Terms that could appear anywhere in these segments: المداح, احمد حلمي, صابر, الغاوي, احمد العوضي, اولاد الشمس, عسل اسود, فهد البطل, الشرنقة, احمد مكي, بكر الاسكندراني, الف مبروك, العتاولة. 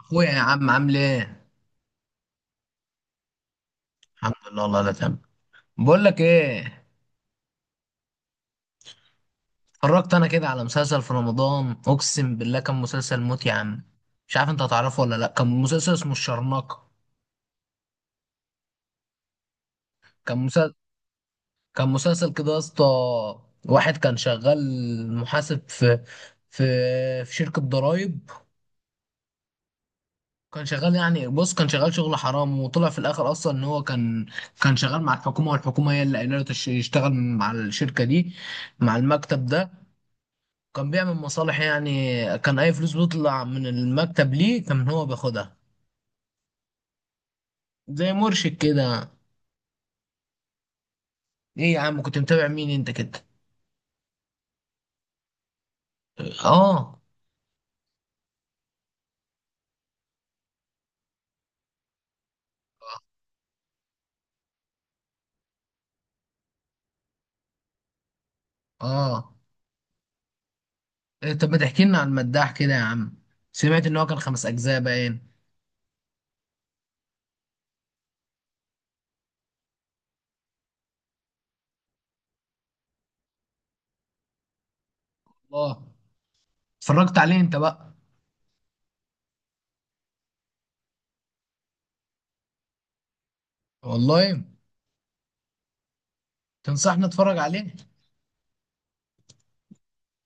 اخويا يا عم عامل ايه؟ الحمد لله، والله لا تمام. بقول لك ايه، اتفرجت انا كده على مسلسل في رمضان، اقسم بالله كان مسلسل موت يا عم. مش عارف انت هتعرفه ولا لا. كان مسلسل اسمه الشرنقة. كان مسلسل كان مسلسل كده يا اسطى. واحد كان شغال محاسب في في شركة ضرايب. كان شغال يعني، بص، كان شغال شغل حرام، وطلع في الاخر اصلا ان هو كان، شغال مع الحكومة، والحكومة هي اللي قايله له يشتغل مع الشركة دي، مع المكتب ده. كان بيعمل مصالح يعني، كان اي فلوس بتطلع من المكتب ليه كان هو بياخدها. زي مرشد كده. ايه يا عم، كنت متابع مين انت كده؟ اه. اه. إيه، طب ما تحكي لنا عن المداح كده يا عم. سمعت ان هو كان خمس اجزاء باين. الله. اتفرجت عليه انت بقى؟ والله. تنصحني اتفرج عليه؟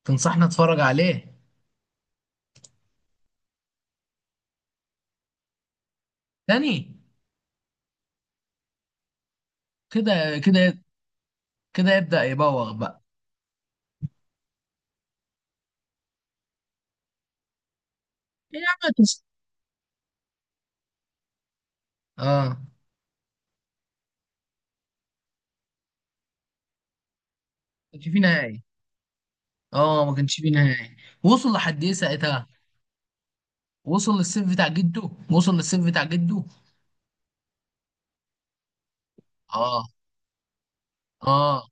تنصحني اتفرج عليه؟ تاني؟ كده كده كده يبدأ يبوغ بقى. ايه يا عم اه، ما كانش فيه نهائي. اه ما كانش فيه نهائي. وصل لحد ايه ساعتها؟ وصل للسيف بتاع جده. اه. اه.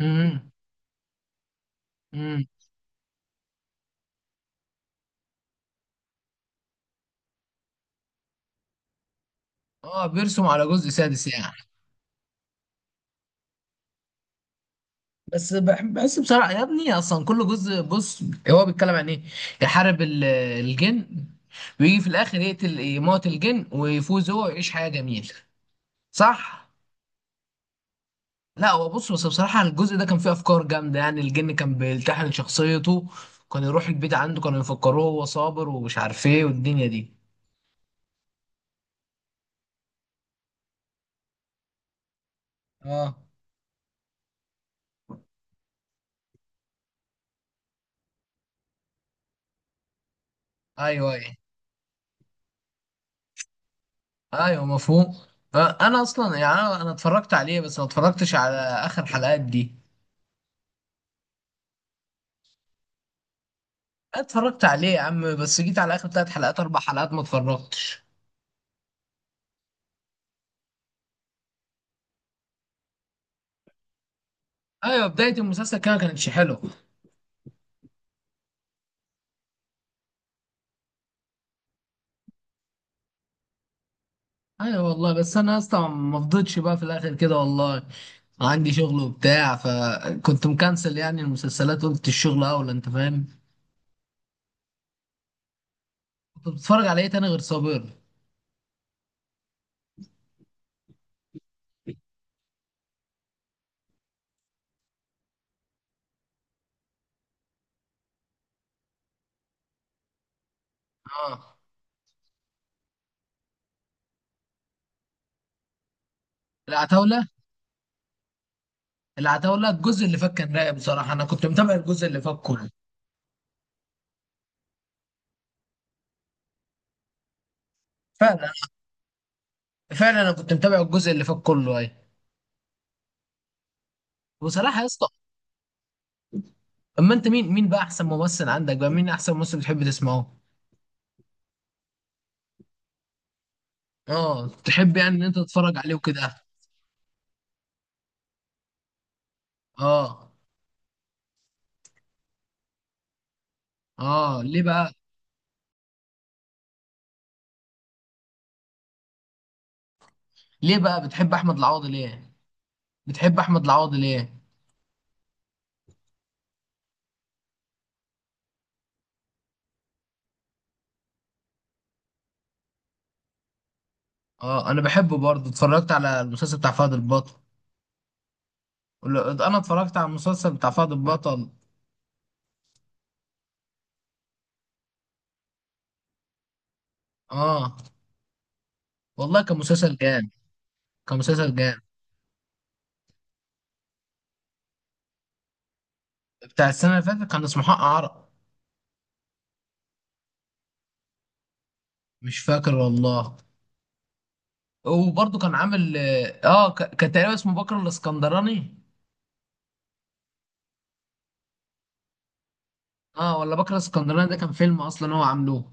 امم امم اه، بيرسم على جزء سادس يعني. بس بحس بصراحه يا ابني، اصلا كل جزء بص، هو بيتكلم عن ايه؟ يحارب الجن، ويجي في الاخر يموت الجن ويفوز هو ويعيش حياه جميله. صح؟ لا هو بص، بس بصراحه الجزء ده كان فيه افكار جامده يعني. الجن كان بيلتحم شخصيته، كان يروح البيت عنده كانوا يفكروه هو صابر ومش عارف ايه والدنيا دي. اه. ايوه، ايوه. ايوه، مفهوم. انا اصلا يعني أنا اتفرجت عليه، بس ما اتفرجتش على اخر حلقات دي. اتفرجت عليه يا عم، بس جيت على اخر ثلاث حلقات اربع حلقات ما اتفرجتش. ايوه، بدايه المسلسل كده ما كانتش حلوه. ايوه والله، بس انا اصلا ما فضيتش بقى في الاخر كده والله. عندي شغل وبتاع، فكنت مكنسل يعني المسلسلات، قلت الشغل اولى. انت فاهم؟ كنت بتتفرج على ايه تاني غير صابر؟ اه. العتاوله، الجزء اللي فات كان رايق بصراحه، انا كنت متابع الجزء اللي فات كله. فعلا. فعلا انا كنت متابع الجزء اللي فات كله اي. وصراحه يا اسطى، اما انت مين بقى احسن ممثل عندك، بقى مين احسن ممثل بتحب تسمعه؟ اه، تحب يعني ان انت تتفرج عليه وكده. اه. اه، ليه بقى؟ بتحب احمد العوضي ليه؟ بتحب احمد العوضي ليه؟ اه، انا بحبه برضه. اتفرجت على المسلسل بتاع فهد البطل، انا اتفرجت على المسلسل بتاع فهد البطل. اه والله كان مسلسل جامد. كان مسلسل جامد. بتاع السنه اللي فاتت كان اسمه حق عرق. مش فاكر والله. وبرضه كان عامل، اه، كان تقريبا اسمه بكر الاسكندراني. اه، ولا بكر الاسكندراني ده كان فيلم اصلا هو عاملوه.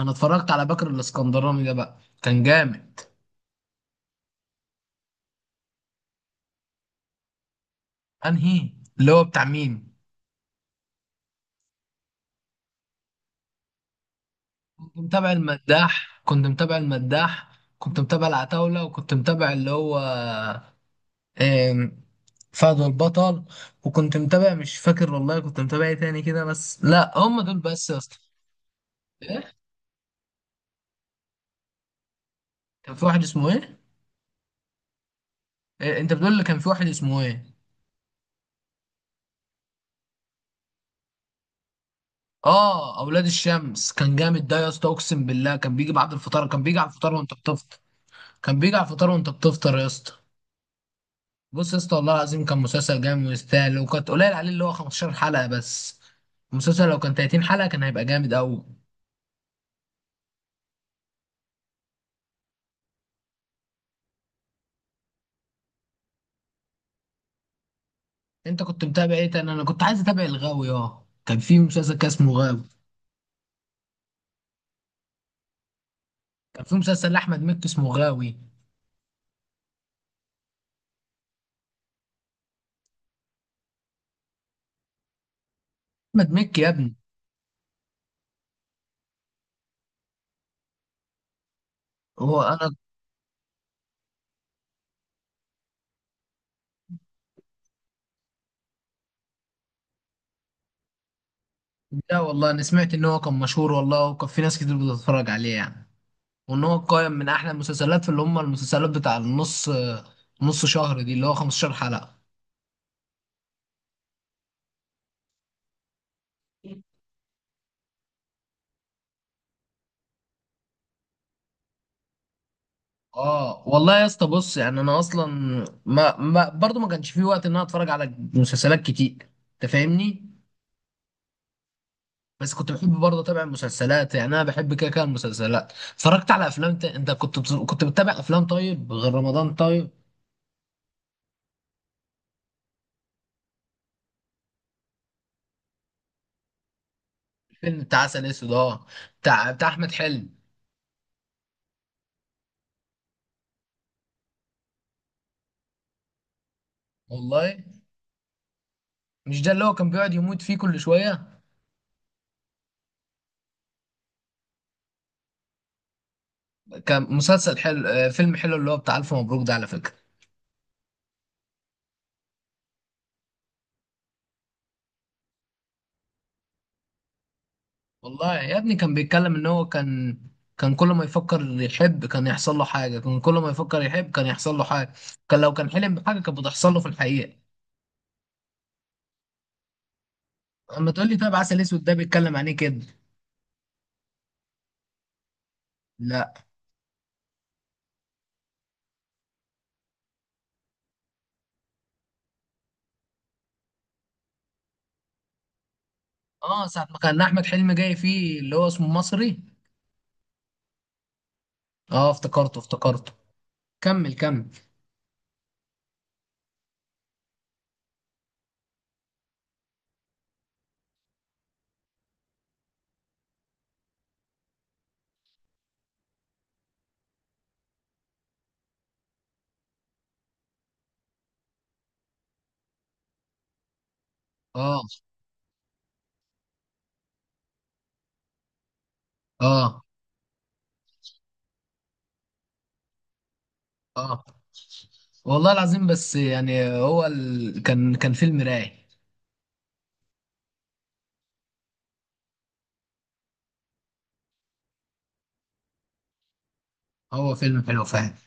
انا اتفرجت على بكر الاسكندراني ده بقى كان جامد. انهي؟ اللي هو بتاع مين؟ كنت متابع المداح. كنت متابع العتاولة، وكنت متابع اللي هو، آم، فهد البطل. وكنت متابع، مش فاكر والله كنت متابع ايه تاني كده، بس لا هم دول بس يا اسطى. ايه؟ كان في واحد اسمه ايه؟ إيه، انت بتقول لي كان في واحد اسمه ايه؟ اه، اولاد الشمس كان جامد ده يا اسطى، اقسم بالله كان بيجي بعد الفطار، كان بيجي على الفطار وانت بتفطر يا اسطى. بص يا اسطى، والله العظيم كان مسلسل جامد ويستاهل، وكانت قليل عليه اللي هو 15 حلقة بس. المسلسل لو كان 30 حلقة كان هيبقى جامد قوي. انت كنت متابع ايه تاني؟ انا كنت عايز اتابع الغاوي. اه، كان اسمه غاوي. كان في مسلسل لاحمد مكي اسمه غاوي. احمد مكي يا ابني. هو انا لا والله، انا سمعت ان هو كان مشهور والله، وكان في ناس كتير بتتفرج عليه يعني. وان هو قائم من احلى المسلسلات في اللي هم المسلسلات بتاع نص شهر دي، اللي هو 15 حلقة. اه والله يا اسطى، بص يعني انا اصلا ما برضه ما كانش في وقت ان انا اتفرج على مسلسلات كتير. انت فاهمني؟ بس كنت بحب برضه اتابع المسلسلات، يعني انا بحب كده المسلسلات. اتفرجت على كنت بتتابع افلام طيب غير رمضان؟ طيب، فيلم بتاع عسل اسود اه، بتاع احمد حلمي. والله. مش ده اللي هو كان بيقعد يموت فيه كل شوية؟ كان مسلسل حلو، فيلم حلو اللي هو بتاع ألف مبروك ده على فكرة. والله يا ابني كان بيتكلم إن هو كان، كان كل ما يفكر يحب كان يحصل له حاجة، كان كل ما يفكر يحب كان يحصل له حاجة. كان لو كان حلم بحاجة كانت بتحصل له في الحقيقة. أما تقول لي طيب عسل أسود ده بيتكلم عن إيه كده. لا. آه، ساعة ما كان أحمد حلمي جاي فيه اللي هو اسمه مصري؟ آه، افتكرته، افتكرته. كمل، كمل. آه، آه، آه، والله العظيم بس يعني هو كان فيلم رايق. هو فيلم حلو فعلا.